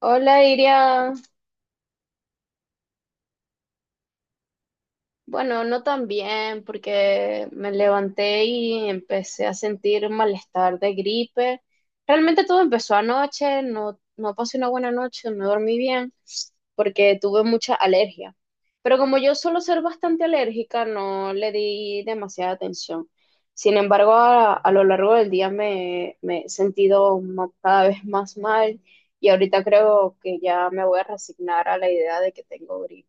Hola, Iria. Bueno, no tan bien porque me levanté y empecé a sentir malestar de gripe. Realmente todo empezó anoche, no, no pasé una buena noche, no dormí bien porque tuve mucha alergia. Pero como yo suelo ser bastante alérgica, no le di demasiada atención. Sin embargo, a lo largo del día me he sentido cada vez más mal y ahorita creo que ya me voy a resignar a la idea de que tengo gripe.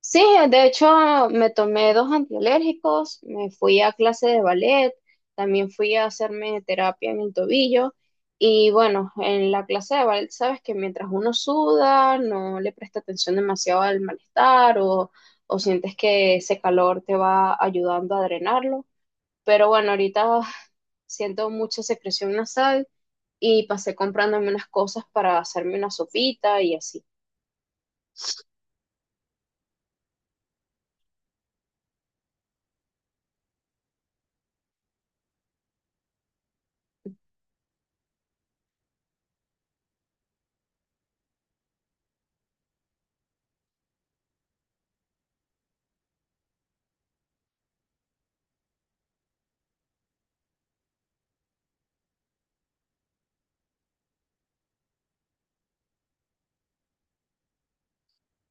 Sí, de hecho me tomé dos antialérgicos, me fui a clase de ballet, también fui a hacerme terapia en el tobillo y bueno, en la clase de ballet sabes que mientras uno suda no le presta atención demasiado al malestar o sientes que ese calor te va ayudando a drenarlo, pero bueno, ahorita siento mucha secreción nasal y pasé comprándome unas cosas para hacerme una sopita y así.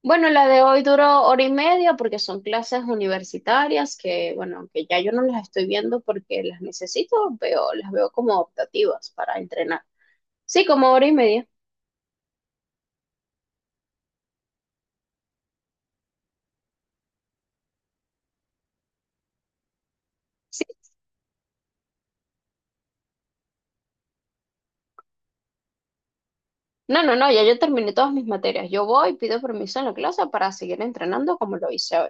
Bueno, la de hoy duró hora y media porque son clases universitarias que, bueno, que ya yo no las estoy viendo porque las necesito, veo, las veo como optativas para entrenar. Sí, como hora y media. Sí. No, no, no, ya yo terminé todas mis materias. Yo voy, pido permiso en la clase para seguir entrenando como lo hice hoy.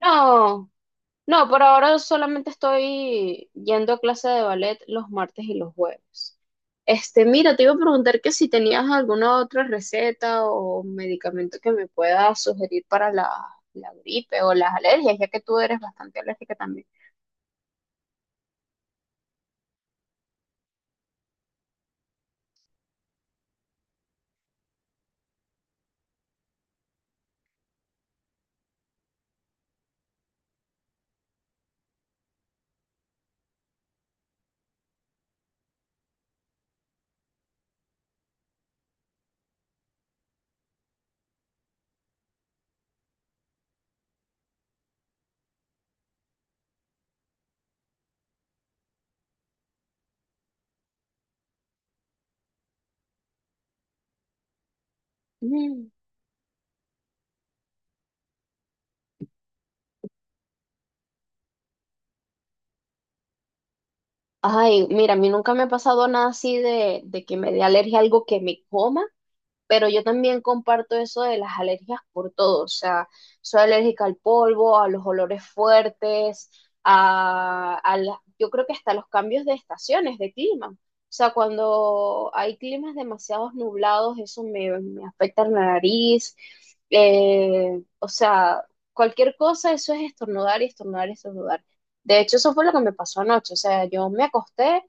No. No, por ahora solamente estoy yendo a clase de ballet los martes y los jueves. Este, mira, te iba a preguntar que si tenías alguna otra receta o medicamento que me pueda sugerir para la gripe o las alergias, ya que tú eres bastante alérgica también. Mm. Ay, mira, a mí nunca me ha pasado nada así de que me dé alergia a algo que me coma, pero yo también comparto eso de las alergias por todo, o sea, soy alérgica al polvo, a los olores fuertes, yo creo que hasta los cambios de estaciones, de clima. O sea, cuando hay climas demasiado nublados, me afecta la nariz. O sea, cualquier cosa, eso es estornudar y estornudar y estornudar. De hecho, eso fue lo que me pasó anoche. O sea, yo me acosté,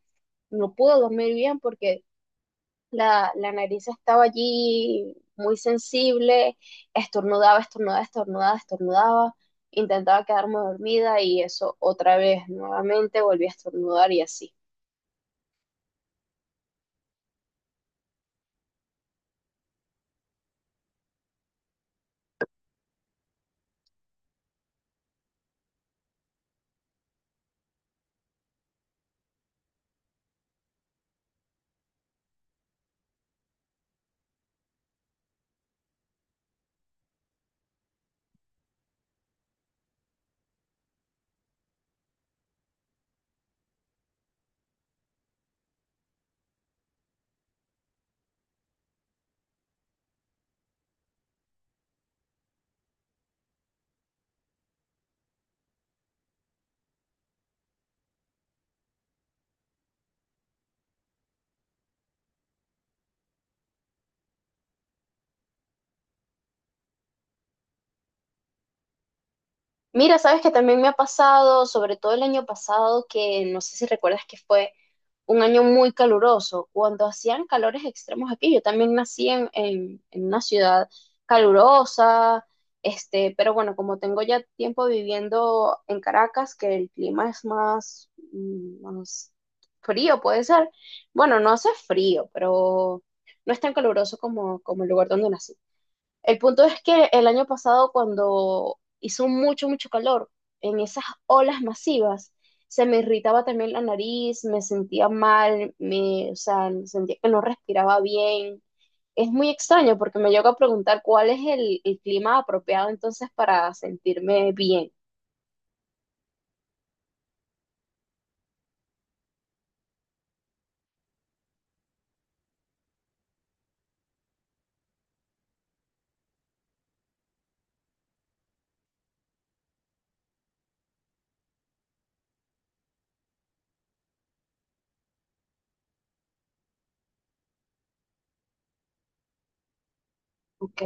no pude dormir bien porque la nariz estaba allí muy sensible, estornudaba, estornudaba, estornudaba, estornudaba, intentaba quedarme dormida y eso otra vez, nuevamente volví a estornudar y así. Mira, sabes que también me ha pasado, sobre todo el año pasado, que no sé si recuerdas que fue un año muy caluroso, cuando hacían calores extremos aquí. Yo también nací en una ciudad calurosa, este, pero bueno, como tengo ya tiempo viviendo en Caracas, que el clima es más, más frío, puede ser. Bueno, no hace frío, pero no es tan caluroso como, como el lugar donde nací. El punto es que el año pasado, cuando hizo mucho, mucho calor, en esas olas masivas, se me irritaba también la nariz, me sentía mal, o sea, sentía que no respiraba bien. Es muy extraño porque me llego a preguntar cuál es el clima apropiado entonces para sentirme bien. ¿Ok?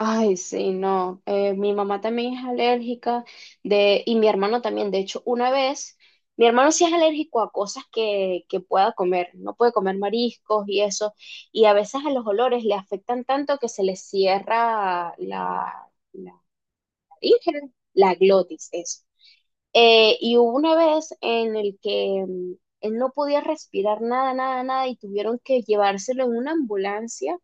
Ay, sí, no. Mi mamá también es alérgica de, y mi hermano también. De hecho, una vez, mi hermano sí es alérgico a cosas que pueda comer. No puede comer mariscos y eso. Y a veces a los olores le afectan tanto que se le cierra la, Irgen, la glotis es. Y hubo una vez en el que él no podía respirar nada, nada, nada y tuvieron que llevárselo en una ambulancia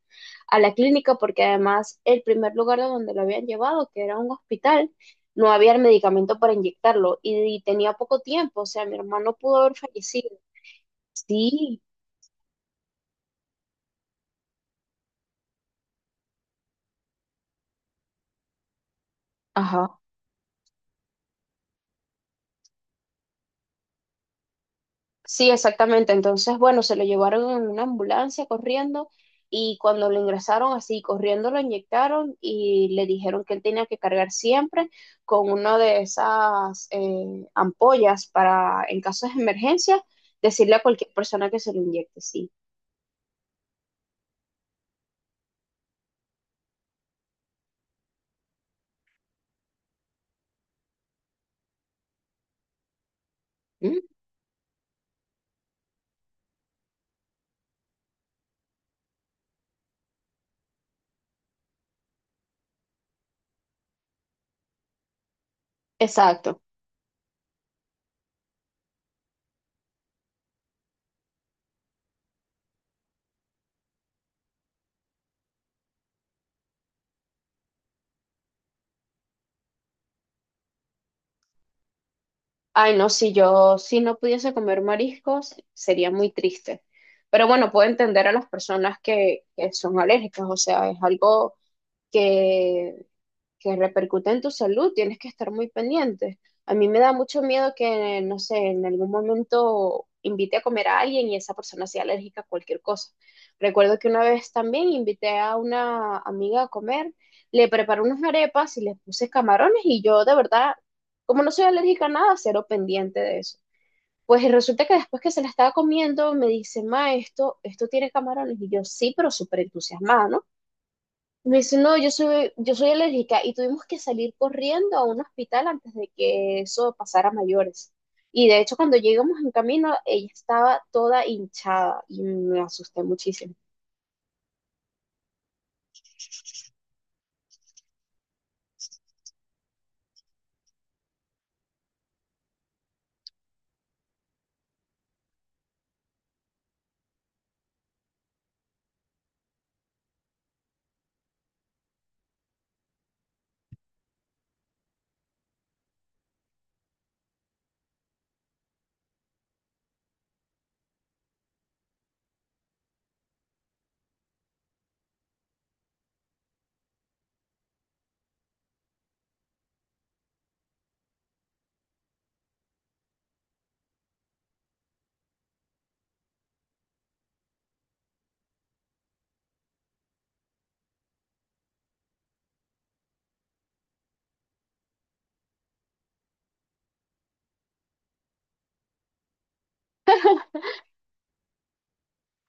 a la clínica porque además el primer lugar de donde lo habían llevado, que era un hospital, no había el medicamento para inyectarlo y tenía poco tiempo, o sea, mi hermano pudo haber fallecido. Sí, ajá. Sí, exactamente. Entonces, bueno, se lo llevaron en una ambulancia corriendo y cuando lo ingresaron así corriendo lo inyectaron y le dijeron que él tenía que cargar siempre con una de esas ampollas para, en casos de emergencia, decirle a cualquier persona que se lo inyecte, sí. Mm. Exacto. Ay, no, si yo, si no pudiese comer mariscos, sería muy triste. Pero bueno, puedo entender a las personas que son alérgicas, o sea, es algo que que repercute en tu salud, tienes que estar muy pendiente. A mí me da mucho miedo que, no sé, en algún momento invite a comer a alguien y esa persona sea alérgica a cualquier cosa. Recuerdo que una vez también invité a una amiga a comer, le preparé unas arepas y le puse camarones y yo de verdad, como no soy alérgica a nada, cero pendiente de eso. Pues resulta que después que se la estaba comiendo me dice, ma, esto tiene camarones y yo sí, pero súper entusiasmada, ¿no? Me dice, no, yo soy alérgica y tuvimos que salir corriendo a un hospital antes de que eso pasara a mayores. Y de hecho, cuando llegamos en camino, ella estaba toda hinchada y me asusté muchísimo.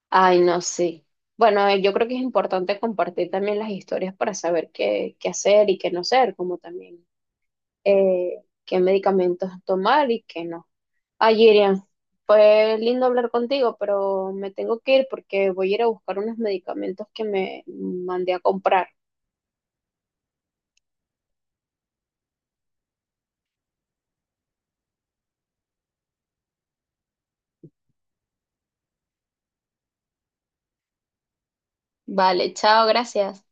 Ay, no, sí. Bueno, yo creo que es importante compartir también las historias para saber qué, qué hacer y qué no hacer, como también qué medicamentos tomar y qué no. Ay, Irian, fue lindo hablar contigo, pero me tengo que ir porque voy a ir a buscar unos medicamentos que me mandé a comprar. Vale, chao, gracias.